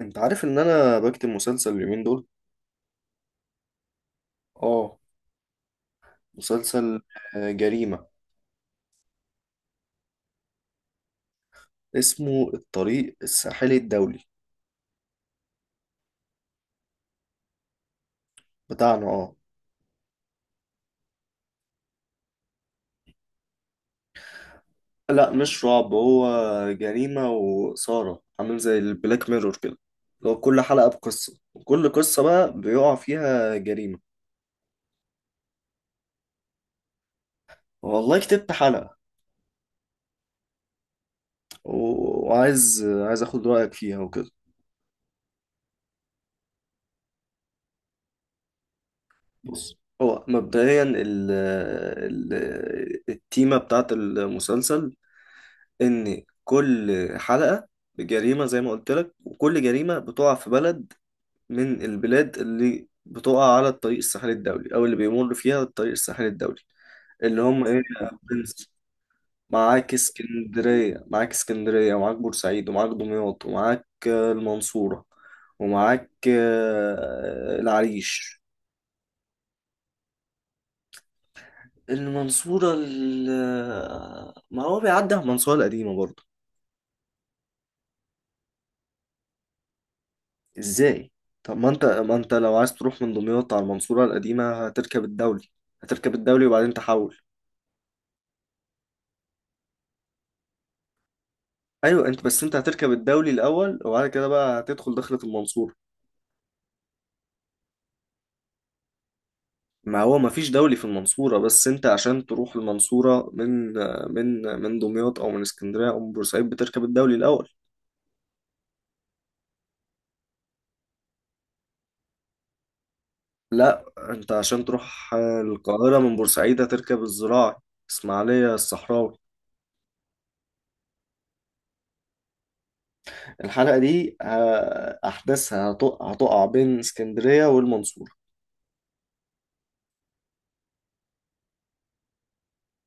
انت عارف ان انا بكتب مسلسل اليومين دول؟ اه. مسلسل. جريمة. اسمه الطريق الساحلي الدولي بتاعنا اه. لا مش رعب هو. جريمة وإثارة عامل زي البلاك ميرور كده. لو كل حلقة بقصة، وكل قصة بقى بيقع فيها جريمة. والله كتبت حلقة. وعايز اخد رأيك فيها وكده. بص هو مبدئيا ال... التيمة بتاعت المسلسل، ان كل حلقة بجريمة زي ما قلت لك، وكل جريمة بتقع في بلد من البلاد اللي بتقع على الطريق الساحلي الدولي، او اللي بيمر فيها الطريق الساحلي الدولي. اللي هم ايه؟ يا برنس. معاك اسكندرية، معاك اسكندرية، ومعاك بورسعيد، ومعاك دمياط، ومعاك المنصورة. ومعاك العريش. ما هو بيعدي على المنصورة القديمة برضه. ازاي؟ طب ما انت لو عايز تروح من دمياط على المنصورة القديمة هتركب الدولي. هتركب الدولي وبعدين تحول. ايوه انت، بس انت هتركب الدولي الاول، وبعد كده بقى هتدخل دخلة المنصورة. ما هو ما فيش دولي في المنصورة، بس انت عشان تروح المنصورة من من دمياط او من اسكندرية او من بورسعيد بتركب الدولي الاول. لا، انت عشان تروح القاهرة من بورسعيد هتركب الزراعي. اسماعيلية الصحراوي. الحلقة دي احداثها هتقع بين اسكندرية والمنصورة.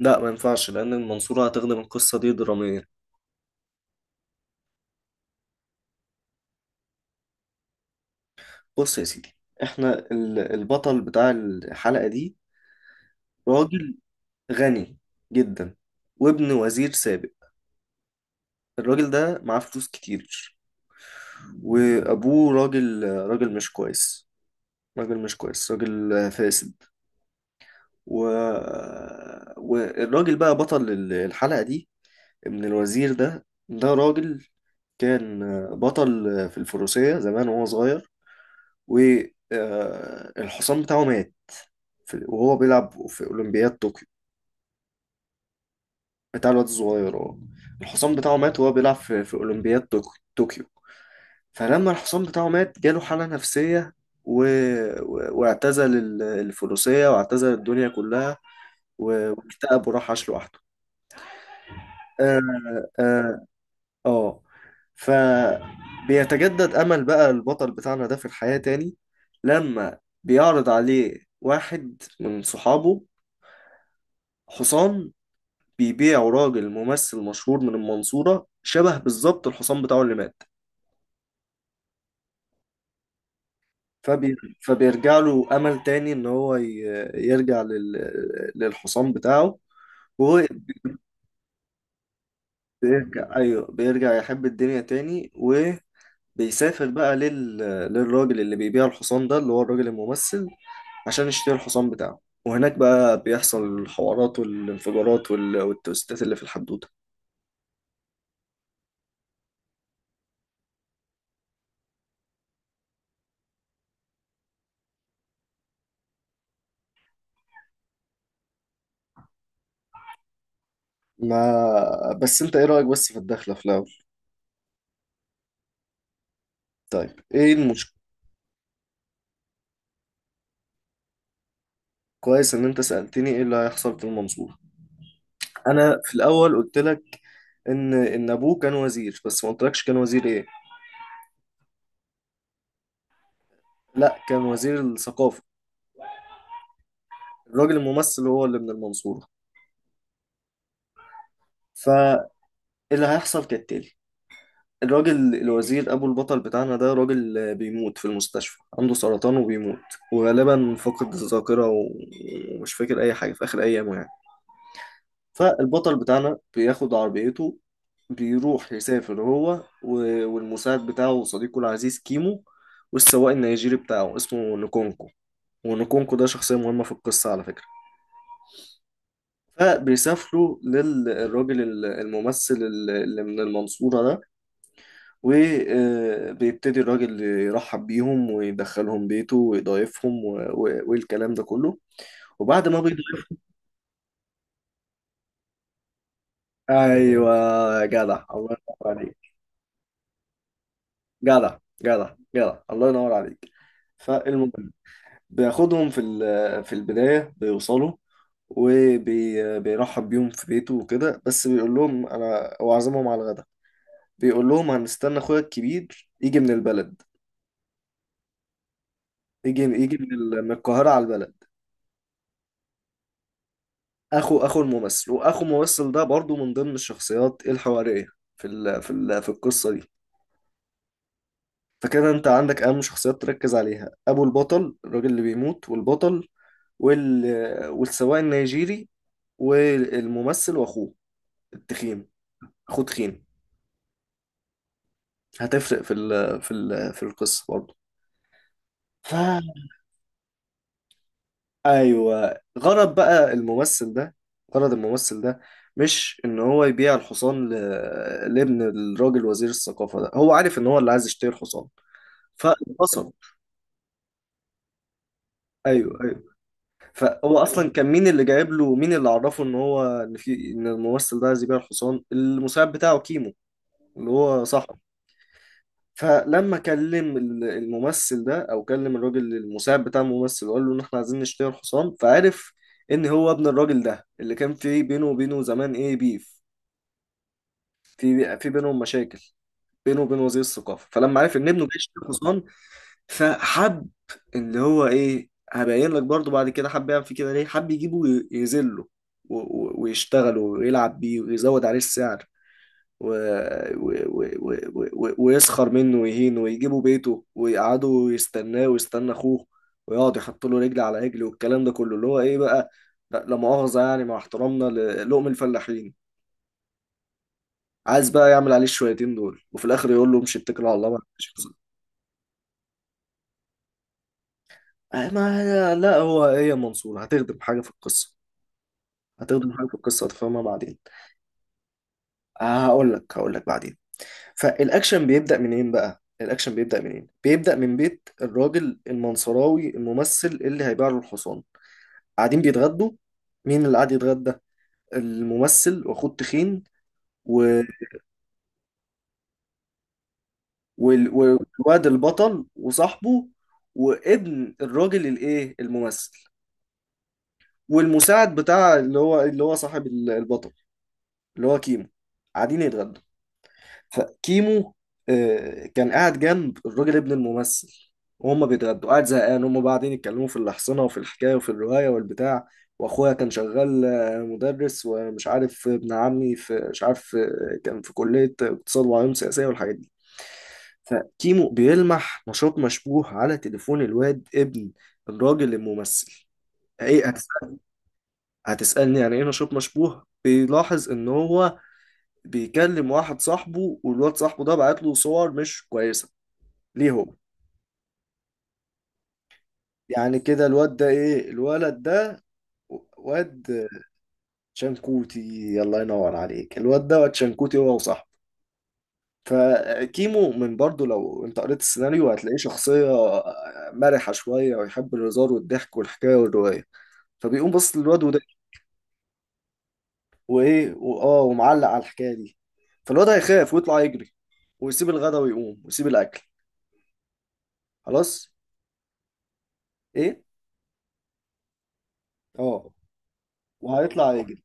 لا، ما ينفعش لأن المنصورة هتخدم القصة دي دراميا. بص يا سيدي. البطل بتاع الحلقة دي راجل غني جدا، وابن وزير سابق. الراجل ده معاه فلوس كتير، وأبوه راجل، راجل مش كويس. راجل مش كويس، راجل فاسد. و... والراجل بقى بطل الحلقة دي، ابن الوزير ده راجل كان بطل في الفروسية زمان وهو صغير. والحصان بتاعه مات وهو بيلعب في أولمبياد طوكيو. بتاع الواد الصغير اه. الحصان بتاعه مات وهو بيلعب في أولمبياد طوكيو طوكيو. فلما الحصان بتاعه مات جاله حالة نفسية، و... واعتزل الفروسية، واعتزل الدنيا كلها، واكتئب وراح عاش لوحده. آه. آه. آه. فبيتجدد أمل بقى البطل بتاعنا ده في الحياة تاني لما بيعرض عليه واحد من صحابه حصان بيبيعوا راجل ممثل مشهور من المنصورة شبه بالظبط الحصان بتاعه اللي مات. فبي... فبيرجع له أمل تاني إن هو يرجع لل... للحصان بتاعه. وهو بيرجع، أيوه، بيرجع يحب الدنيا تاني، وبيسافر بقى للراجل اللي بيبيع الحصان ده، اللي هو الراجل الممثل، عشان يشتري الحصان بتاعه. وهناك بقى بيحصل الحوارات والانفجارات والتوستات اللي في الحدوتة. ما بس انت ايه رأيك بس في الدخلة في الأول؟ طيب ايه المشكلة؟ كويس ان انت سألتني ايه اللي هيحصل في المنصورة. انا في الاول قلت لك ان ابوه كان وزير، بس ما قلتلكش كان وزير ايه. لا، كان وزير الثقافة. الراجل الممثل هو اللي من المنصورة. فاللي هيحصل كالتالي: الراجل الوزير ابو البطل بتاعنا ده راجل بيموت في المستشفى، عنده سرطان وبيموت، وغالبا فقد الذاكرة ومش فاكر اي حاجة في اخر ايامه يعني. فالبطل بتاعنا بياخد عربيته، بيروح يسافر هو والمساعد بتاعه وصديقه العزيز كيمو، والسواق النيجيري بتاعه اسمه نكونكو. ونكونكو ده شخصية مهمة في القصة على فكرة. فبيسافروا للراجل الممثل اللي من المنصورة ده، وبيبتدي الراجل يرحب بيهم ويدخلهم بيته ويضايفهم والكلام ده كله. وبعد ما بيضايف، ايوه. يا جدع الله ينور عليك. جدع. جدع جدع الله ينور عليك. فالمهم، بياخدهم في البداية بيوصلوا، وبيرحب بيهم في بيته وكده، بس بيقول لهم انا هو عازمهم على الغدا. بيقول لهم هنستنى اخويا الكبير يجي من البلد، يجي من القاهرة على البلد. اخو الممثل، واخو الممثل ده برضو من ضمن الشخصيات الحوارية في القصة دي. فكده انت عندك اهم شخصيات تركز عليها: ابو البطل الراجل اللي بيموت، والبطل، وال... والسواق النيجيري، والممثل واخوه التخين. اخوه تخين، هتفرق في القصه برضه. ف ايوه، غرض بقى الممثل ده، غرض الممثل ده، مش ان هو يبيع الحصان لابن الراجل وزير الثقافه ده. هو عارف ان هو اللي عايز يشتري الحصان، فاتبسط. ايوه، ايوه. فهو اصلا كان مين اللي جايب له، مين اللي عرفه ان هو ان في ان الممثل ده عايز يبيع الحصان؟ المساعد بتاعه كيمو، اللي هو صح. فلما كلم الممثل ده، او كلم الراجل المساعد بتاع الممثل، وقال له ان احنا عايزين نشتري الحصان، فعرف ان هو ابن الراجل ده اللي كان بينه وبينه زمان، ايه، بيف، في بينهم مشاكل بينه وبين وزير الثقافه. فلما عرف ان ابنه جاي يشتري حصان فحب، اللي هو ايه، هبين لك برضو بعد كده، حب يعمل فيه كده، ليه، حب يجيبه يذله ويشتغله ويلعب بيه ويزود عليه السعر و... و... ويسخر منه ويهينه ويجيبوا بيته ويقعدوا يستناه ويستنى اخوه، ويقعد يحط له رجل على رجل والكلام ده كله، اللي هو ايه بقى، لا لا مؤاخذة يعني مع احترامنا للقم الفلاحين، عايز بقى يعمل عليه الشويتين دول، وفي الاخر يقول له امشي اتكل على الله ما عنديش فلوس. ما لا، هو ايه يا منصور، هتخدم حاجة في القصة. هتخدم حاجة في القصة هتفهمها بعدين. هقول لك بعدين. فالاكشن بيبدأ منين بقى؟ الاكشن بيبدأ منين؟ بيبدأ من بيت الراجل المنصراوي الممثل اللي هيبيع له الحصان. قاعدين بيتغدوا. مين اللي قاعد يتغدى؟ الممثل واخوه تخين، و... والواد البطل وصاحبه، وابن الراجل الايه الممثل، والمساعد بتاع، اللي هو صاحب البطل، اللي هو كيمو. قاعدين يتغدوا. فكيمو كان قاعد جنب الراجل ابن الممثل، وهم بيتغدوا، قاعد زهقان، هم قاعدين يتكلموا في الأحصنة وفي الحكاية وفي الرواية والبتاع، وأخويا كان شغال مدرس، ومش عارف ابن عمي في مش عارف كان في كلية اقتصاد وعلوم سياسية والحاجات دي. فكيمو بيلمح نشاط مشبوه على تليفون الواد ابن الراجل الممثل. ايه هتسأل- هتسألني يعني ايه نشاط مشبوه؟ بيلاحظ ان هو بيكلم واحد صاحبه، والواد صاحبه ده بعت له صور مش كويسة. ليه هو يعني كده؟ الواد ده ايه، الولد ده؟ واد شنكوتي. الله ينور عليك، الواد ده واد شنكوتي هو وصاحبه. فكيمو من برضه، لو انت قريت السيناريو هتلاقيه شخصية مرحة شوية، ويحب الهزار والضحك والحكاية والرواية. فبيقوم بص للواد وده، وايه واه، ومعلق على الحكاية دي. فالواد هيخاف ويطلع يجري، ويسيب الغدا ويقوم ويسيب الأكل. خلاص. ايه. اه. وهيطلع يجري.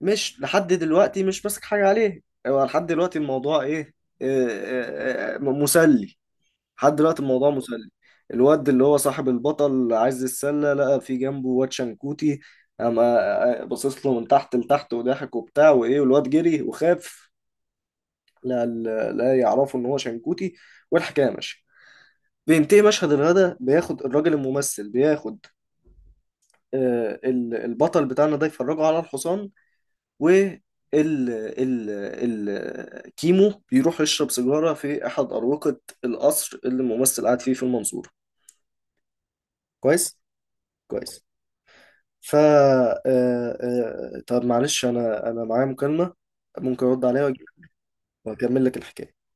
مش لحد دلوقتي، مش ماسك حاجة عليه. هو لحد دلوقتي الموضوع ايه؟ إيه، مسلي. لحد دلوقتي الموضوع مسلي. الواد اللي هو صاحب البطل عايز السلة لقى في جنبه واد شنكوتي، اما بصص له من تحت لتحت وضحك وبتاع وايه، والواد جري وخاف. لا، لا يعرفوا ان هو شنكوتي. والحكايه ماشيه. بينتهي مشهد الغدا، بياخد الراجل الممثل، بياخد البطل بتاعنا ده، يفرجه على الحصان. وال ال ال الكيمو بيروح يشرب سيجارة في أحد أروقة القصر اللي الممثل قاعد فيه في المنصورة. كويس. كويس. ف آه، آه، آه، طب معلش، أنا معايا مكالمة، ممكن أرد عليها وأكمل لك الحكاية.